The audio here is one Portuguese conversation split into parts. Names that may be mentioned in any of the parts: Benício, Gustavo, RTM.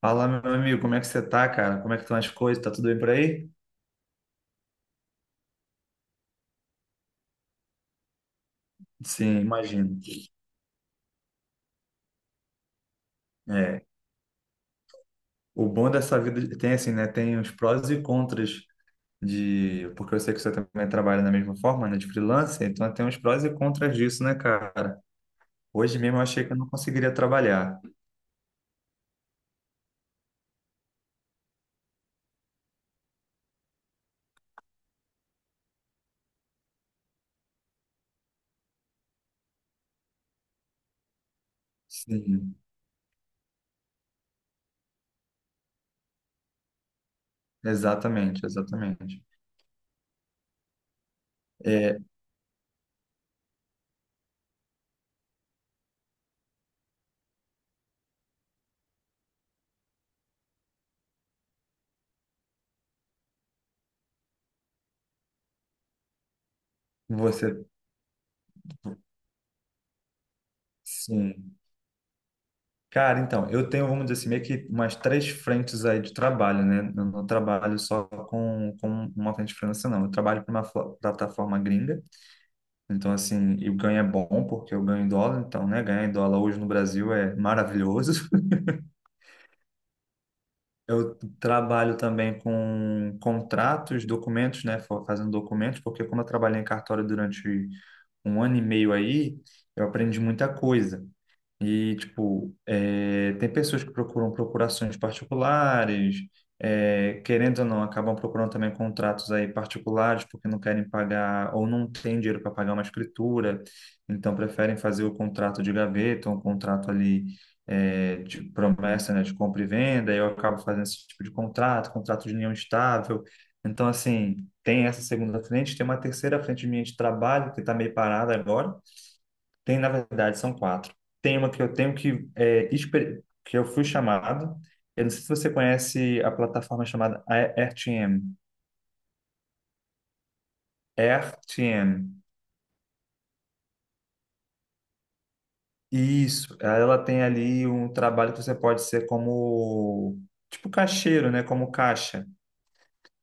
Fala, meu amigo, como é que você tá, cara? Como é que estão as coisas? Tá tudo bem por aí? Sim, imagino. É, o bom dessa vida tem assim, né? Tem os prós e contras porque eu sei que você também trabalha da mesma forma, né? De freelancer, então tem os prós e contras disso, né, cara? Hoje mesmo eu achei que eu não conseguiria trabalhar. Sim, exatamente, exatamente. É, você, sim. Cara, então, eu tenho, vamos dizer assim, meio que umas três frentes aí de trabalho, né? Eu não trabalho só com uma frente financeira, não. Eu trabalho para uma plataforma gringa, então, assim, e o ganho é bom, porque eu ganho em dólar, então, né? Ganhar em dólar hoje no Brasil é maravilhoso. Eu trabalho também com contratos, documentos, né? Fazendo documentos, porque como eu trabalhei em cartório durante um ano e meio aí, eu aprendi muita coisa. E, tipo, tem pessoas que procuram procurações particulares, querendo ou não, acabam procurando também contratos aí particulares porque não querem pagar ou não têm dinheiro para pagar uma escritura, então preferem fazer o contrato de gaveta, um contrato ali de promessa, né, de compra e venda, e eu acabo fazendo esse tipo de contrato, contrato de união estável. Então, assim, tem essa segunda frente, tem uma terceira frente minha de trabalho que está meio parada agora. Tem, na verdade, são quatro. Tem uma que eu tenho que que eu fui chamado. Eu não sei se você conhece a plataforma chamada RTM. RTM. Isso. Ela tem ali um trabalho que você pode ser como tipo caixeiro, né? Como caixa.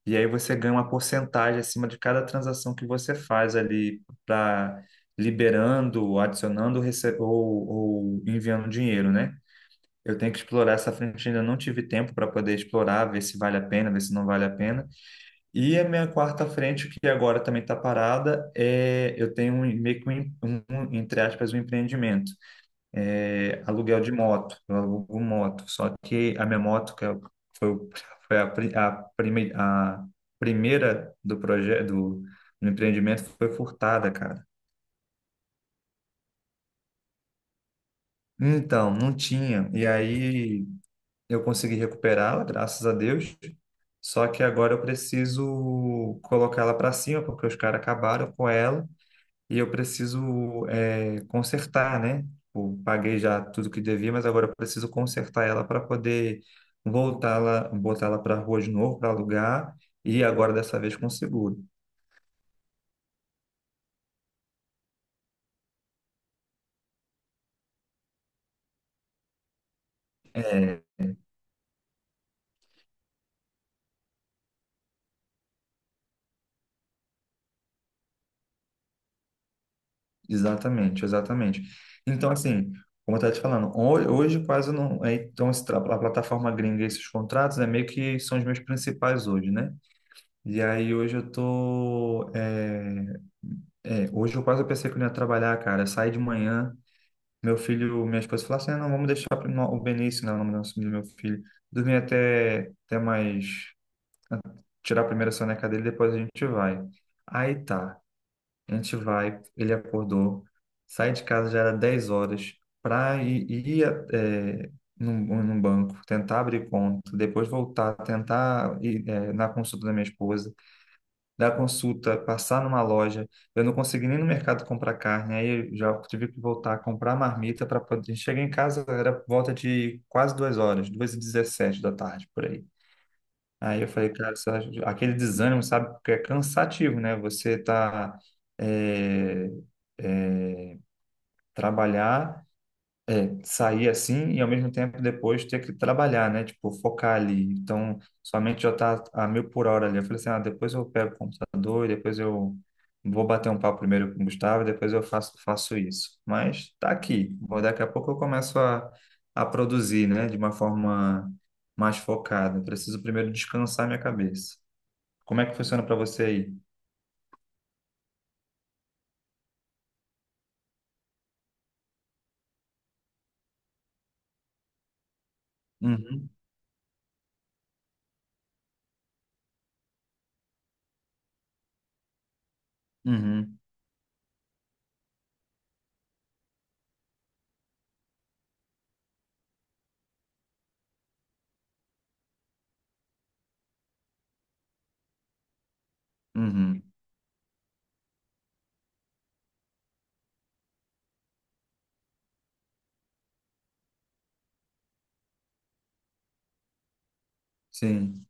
E aí você ganha uma porcentagem acima de cada transação que você faz ali para liberando, adicionando ou enviando dinheiro, né? Eu tenho que explorar essa frente, ainda não tive tempo para poder explorar, ver se vale a pena, ver se não vale a pena. E a minha quarta frente, que agora também está parada, é eu tenho um, meio que um, um, entre aspas, um empreendimento, aluguel de moto, eu alugo moto. Só que a minha moto, que foi, foi a primeira do projeto, do empreendimento, foi furtada, cara. Então, não tinha. E aí eu consegui recuperá-la, graças a Deus. Só que agora eu preciso colocá-la para cima, porque os caras acabaram com ela e eu preciso consertar, né? Eu paguei já tudo que devia, mas agora eu preciso consertar ela para poder voltá-la, botá-la para a rua de novo, para alugar, e agora dessa vez com seguro. É, exatamente, exatamente. Então, assim, como eu estava te falando, hoje quase não. Então, esse a plataforma gringa, e esses contratos, é meio que são os meus principais hoje, né? E aí, hoje eu tô. É, é, hoje eu quase pensei que eu não ia trabalhar, cara. Eu saí de manhã, meu filho, minha esposa falou assim: "Ah, não, vamos deixar pro o Benício, né, o nome do meu filho, dormir até mais. Tirar a primeira soneca dele, depois a gente vai. Aí tá. A gente vai, ele acordou, sai de casa, já era 10 horas, para ir é, num banco, tentar abrir conta, depois voltar, tentar ir na consulta da minha esposa, dar consulta, passar numa loja. Eu não consegui nem no mercado comprar carne, aí eu já tive que voltar a comprar marmita para poder. Cheguei em casa, era volta de quase 2 horas, duas h 17 da tarde, por aí. Aí eu falei, cara, isso aquele desânimo, sabe? Porque é cansativo, né? Você tá é, é, trabalhar, sair assim e ao mesmo tempo depois ter que trabalhar, né? Tipo, focar ali. Então, sua mente já tá a mil por hora ali. Eu falei assim, ah, depois eu pego o computador, e depois eu vou bater um papo primeiro com o Gustavo, e depois eu faço isso. Mas tá aqui. Daqui a pouco eu começo a produzir, né? De uma forma mais focada. Preciso primeiro descansar minha cabeça. Como é que funciona para você aí? Uhum, uhum, uhum. Sim.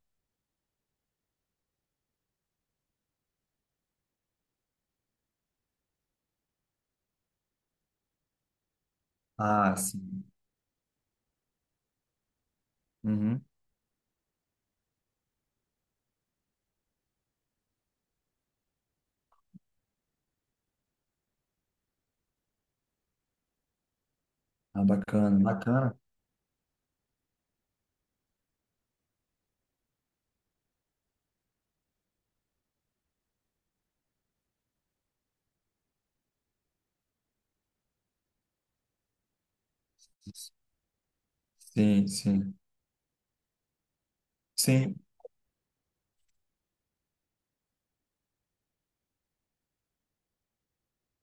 Ah, sim. Uhum. Ah, bacana, bacana. Sim, sim. Sim,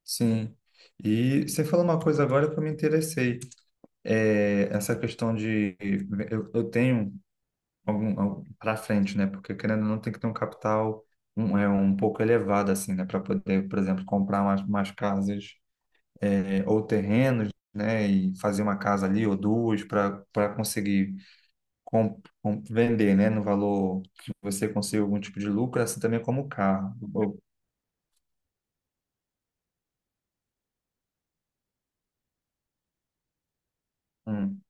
sim. E você falou uma coisa agora que eu me interessei. É, essa questão de eu tenho algum, para frente, né? Porque querendo ou não tem que ter um capital um, é um pouco elevado assim, né, para poder, por exemplo, comprar mais, mais casas ou terrenos, né, e fazer uma casa ali ou duas para conseguir vender, né, no valor que você consiga algum tipo de lucro, assim também como o carro. Hum,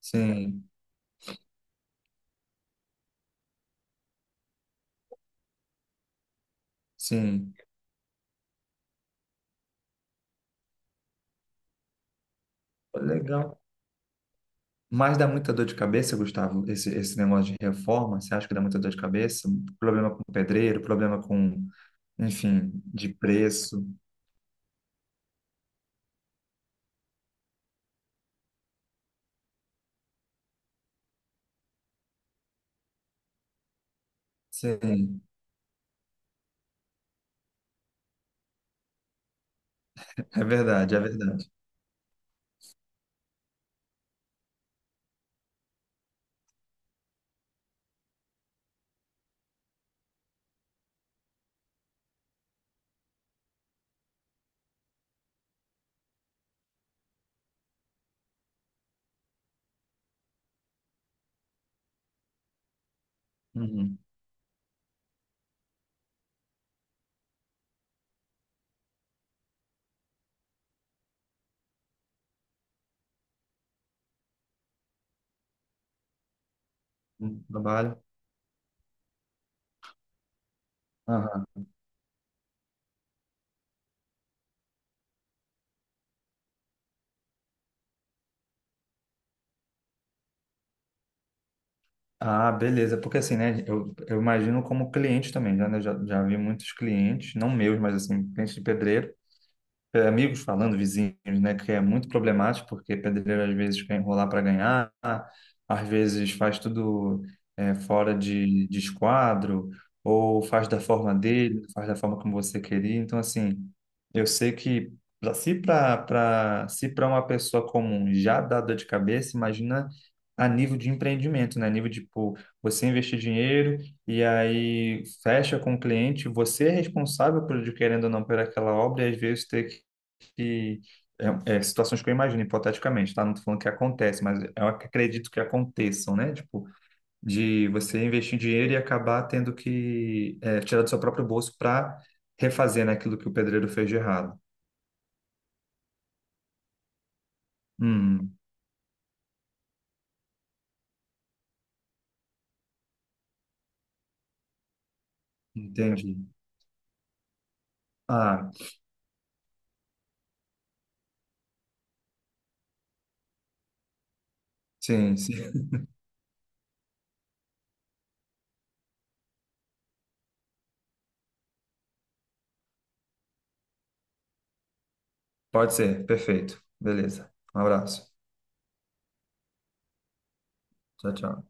sim, sim. Legal. Mas dá muita dor de cabeça, Gustavo, esse negócio de reforma? Você acha que dá muita dor de cabeça? Problema com pedreiro, problema com, enfim, de preço. Sim, é verdade, é verdade. Uhum. Muito trabalho. Aham. Ah, beleza. Porque assim, né? Eu imagino como cliente também, já, né? Já vi muitos clientes, não meus, mas assim, clientes de pedreiro amigos falando, vizinhos, né, que é muito problemático, porque pedreiro às vezes quer enrolar para ganhar, às vezes faz tudo fora de esquadro, ou faz da forma dele, faz da forma como você queria. Então, assim, eu sei que se para uma pessoa comum já dá dor de cabeça, imagina a nível de empreendimento, né? A nível de, tipo, você investir dinheiro e aí fecha com o cliente, você é responsável por, querendo ou não, por aquela obra e às vezes ter que situações que eu imagino, hipoteticamente, tá? Não tô falando que acontece, mas eu acredito que aconteçam, né? Tipo, de você investir dinheiro e acabar tendo que tirar do seu próprio bolso para refazer, né, aquilo que o pedreiro fez de errado. Hum, entendi. Ah, sim, sim. Pode ser, perfeito. Beleza. Um abraço. Tchau, tchau.